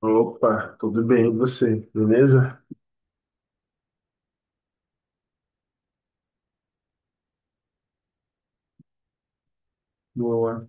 Opa, tudo bem, e você? Beleza? Boa.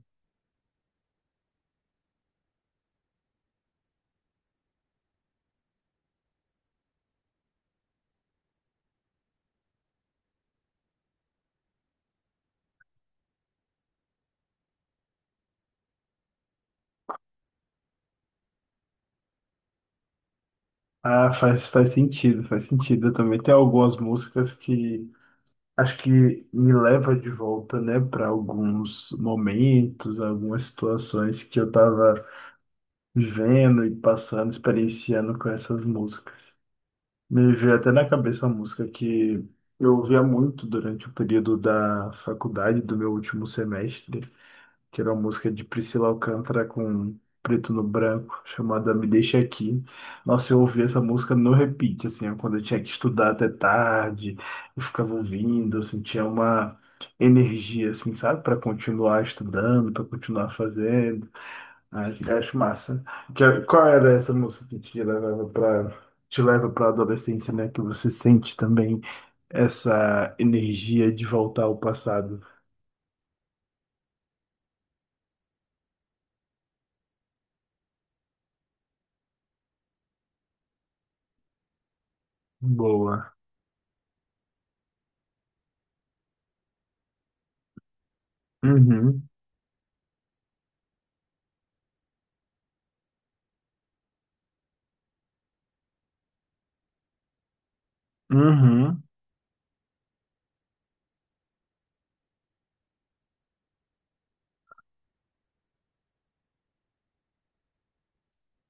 Ah, faz sentido, faz sentido. Eu também tenho algumas músicas que acho que me leva de volta, né, para alguns momentos, algumas situações que eu tava vivendo e passando, experienciando com essas músicas. Me veio até na cabeça uma música que eu ouvia muito durante o período da faculdade, do meu último semestre. Que era uma música de Priscila Alcântara com Preto no Branco, chamada Me Deixa Aqui. Nossa, eu ouvi essa música no repeat, assim, ó, quando eu tinha que estudar até tarde, eu ficava ouvindo, eu sentia uma energia, assim, sabe, para continuar estudando, para continuar fazendo. Acho massa. Qual era essa música que te levava para te leva para a adolescência, né? Que você sente também essa energia de voltar ao passado. Boa. Uhum, uhum.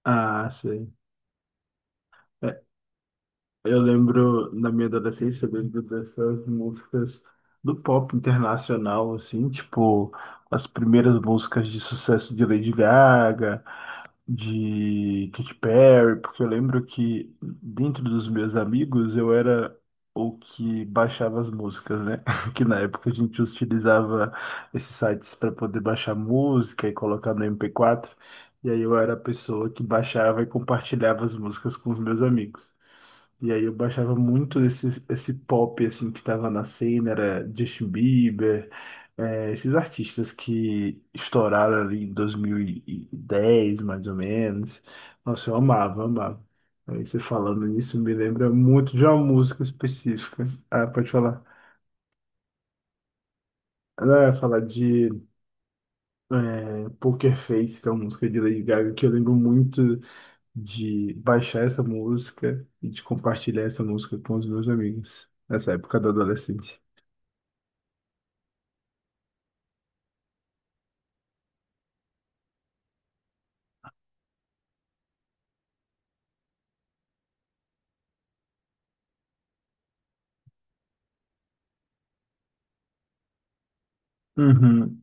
Ah, sim. É, eu lembro, na minha adolescência, eu lembro dessas músicas do pop internacional, assim, tipo, as primeiras músicas de sucesso de Lady Gaga, de Katy Perry, porque eu lembro que dentro dos meus amigos eu era o que baixava as músicas, né? Que na época a gente utilizava esses sites para poder baixar música e colocar no MP4, e aí eu era a pessoa que baixava e compartilhava as músicas com os meus amigos. E aí eu baixava muito esse pop assim que tava na cena, era Justin Bieber, esses artistas que estouraram ali em 2010, mais ou menos. Nossa, eu amava, amava. Aí você falando nisso me lembra muito de uma música específica. Ah, pode falar. Não, ia falar de Poker Face, que é uma música de Lady Gaga, que eu lembro muito de baixar essa música e de compartilhar essa música com os meus amigos nessa época da adolescência. Uhum.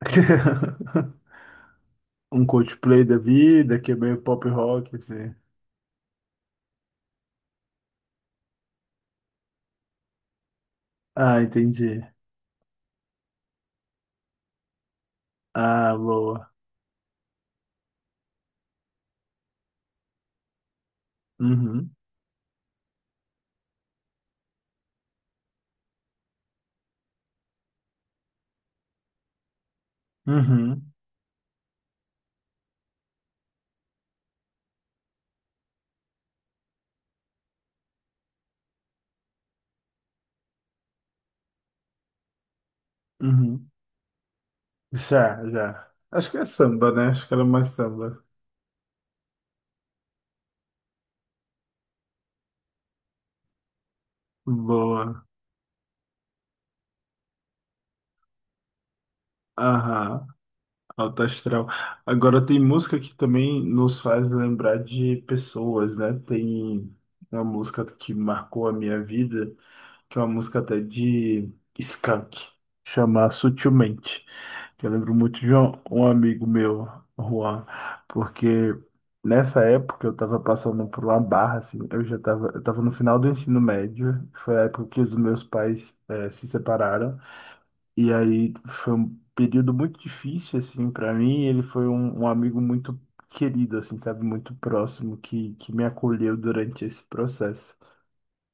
Um Coldplay da vida, que é meio pop rock, assim. Ah, entendi. Ah, boa. Uhum. Uhum. Uhum. Já, já. Acho que é samba, né? Acho que era mais samba. Boa. Aham. Alto astral. Agora tem música que também nos faz lembrar de pessoas, né? Tem uma música que marcou a minha vida, que é uma música até de Skank, chama Sutilmente. Que eu lembro muito de um amigo meu, Juan, porque nessa época eu estava passando por uma barra, assim, eu já estava eu tava no final do ensino médio, foi a época que os meus pais se separaram, e aí foi um período muito difícil, assim, para mim, e ele foi um amigo muito querido, assim, sabe, muito próximo, que me acolheu durante esse processo.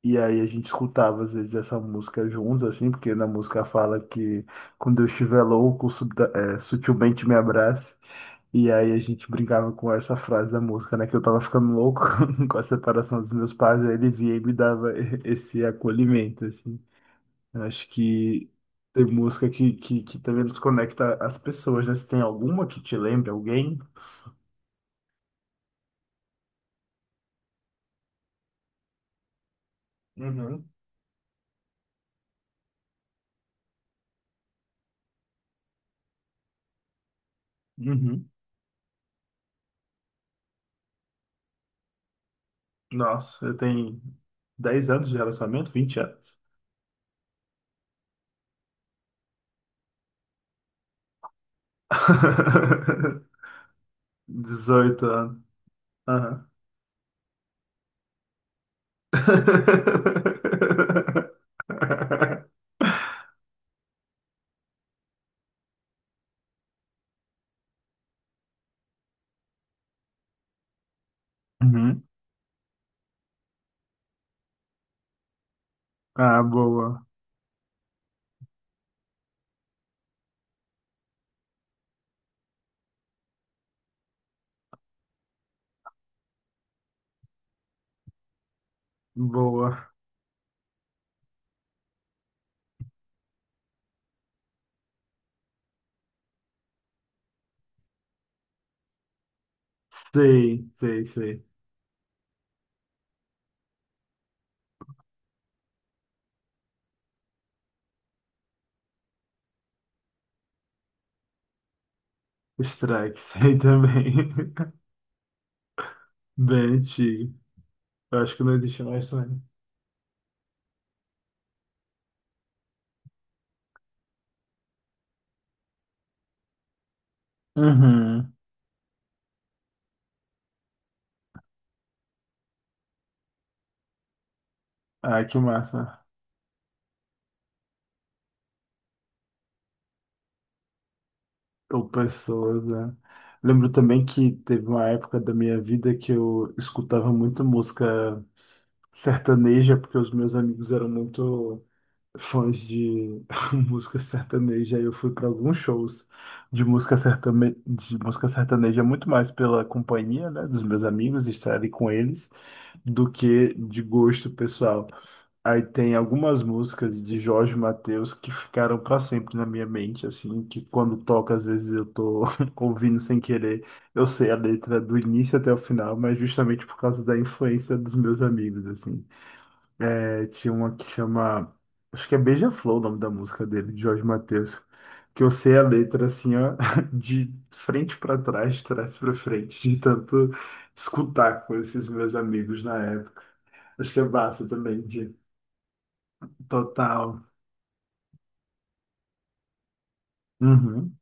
E aí a gente escutava às vezes essa música juntos, assim, porque na música fala que quando eu estiver louco, sutilmente me abrace. E aí a gente brincava com essa frase da música, né? Que eu tava ficando louco com a separação dos meus pais, aí ele vinha e me dava esse acolhimento, assim. Eu acho que tem música que também nos conecta às pessoas, né? Se tem alguma que te lembre, alguém. Uhum. Uhum. Nossa, eu tenho 10 anos de relacionamento, 20 anos. 18 anos. Aham. Uhum. Ah, boa. Boa. Sei, sei, sei. Strike, sei também. Bem antigo. Eu acho que não existe mais também. Uhum. Ah, que massa. Ou pessoas, né? Lembro também que teve uma época da minha vida que eu escutava muito música sertaneja, porque os meus amigos eram muito fãs de música sertaneja, eu fui para alguns shows de música de música sertaneja muito mais pela companhia, né, dos meus amigos, estar ali com eles, do que de gosto pessoal. Aí tem algumas músicas de Jorge Mateus que ficaram para sempre na minha mente, assim, que quando toca, às vezes eu tô ouvindo sem querer, eu sei a letra do início até o final, mas justamente por causa da influência dos meus amigos, assim. Aí tinha uma que chama. Acho que é Beija-Flor o nome da música dele, de Jorge Mateus. Que eu sei a letra assim, ó, de frente para trás, de trás para frente, de tanto escutar com esses meus amigos na época. Acho que é massa também, de total. Uhum.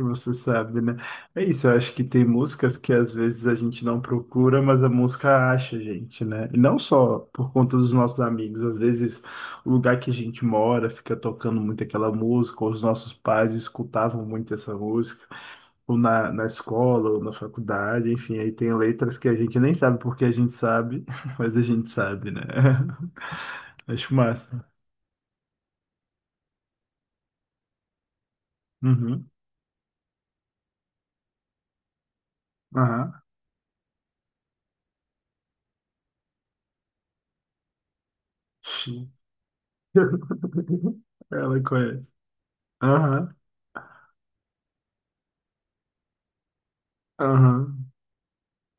Você sabe, né? É isso, eu acho que tem músicas que às vezes a gente não procura, mas a música acha a gente, né? E não só por conta dos nossos amigos, às vezes o lugar que a gente mora fica tocando muito aquela música, ou os nossos pais escutavam muito essa música, ou na escola, ou na faculdade, enfim, aí tem letras que a gente nem sabe porque a gente sabe, mas a gente sabe, né? Acho massa. Uhum. Aham. Ela conhece. Aham. Aham.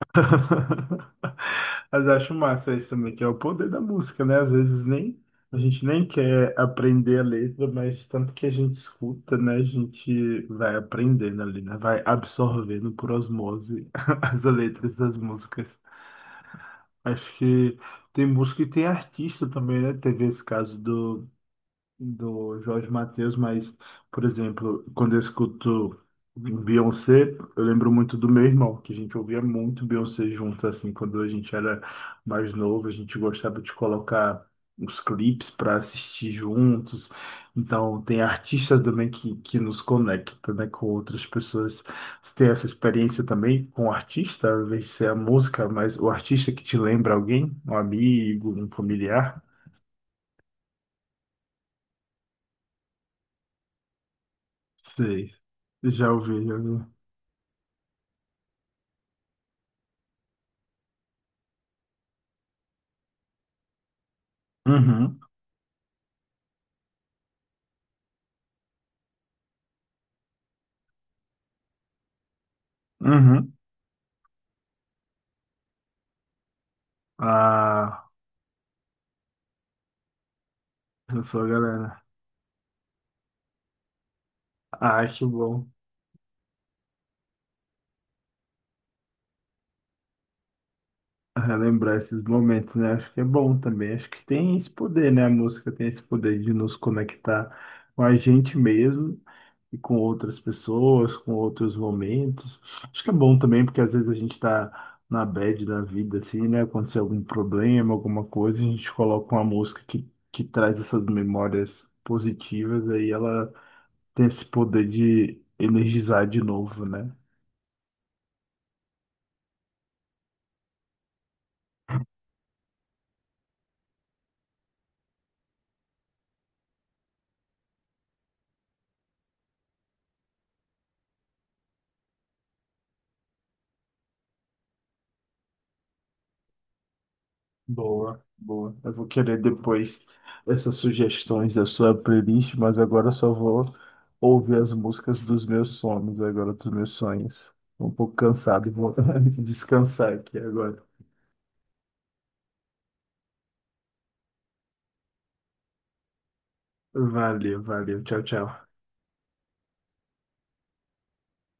Mas eu acho massa isso também, que é o poder da música, né? Às vezes nem a gente nem quer aprender a letra, mas tanto que a gente escuta, né? A gente vai aprendendo ali, né? Vai absorvendo por osmose as letras das músicas. Acho que tem música e tem artista também, né? Teve esse caso do Jorge Mateus, mas, por exemplo, quando eu escuto Beyoncé, eu lembro muito do meu irmão, que a gente ouvia muito Beyoncé junto, assim, quando a gente era mais novo, a gente gostava de colocar os clipes para assistir juntos. Então, tem artistas também que nos conecta, né, com outras pessoas. Você tem essa experiência também com o artista, ao invés de ser a música, mas o artista que te lembra alguém, um amigo, um familiar? Sei. Já ouvi, já ouvi. Uhum, uhum. Ah, eu sou a galera. Ah, acho bom relembrar esses momentos, né? Acho que é bom também. Acho que tem esse poder, né? A música tem esse poder de nos conectar com a gente mesmo e com outras pessoas, com outros momentos. Acho que é bom também, porque às vezes a gente tá na bad da vida, assim, né? Aconteceu algum problema, alguma coisa, a gente coloca uma música que traz essas memórias positivas, aí ela ter esse poder de energizar de novo, né? Boa, boa. Eu vou querer depois essas sugestões da sua playlist, mas agora eu só vou ouvir as músicas dos meus sonhos, agora dos meus sonhos. Tô um pouco cansado, e vou descansar aqui agora. Valeu, valeu. Tchau, tchau.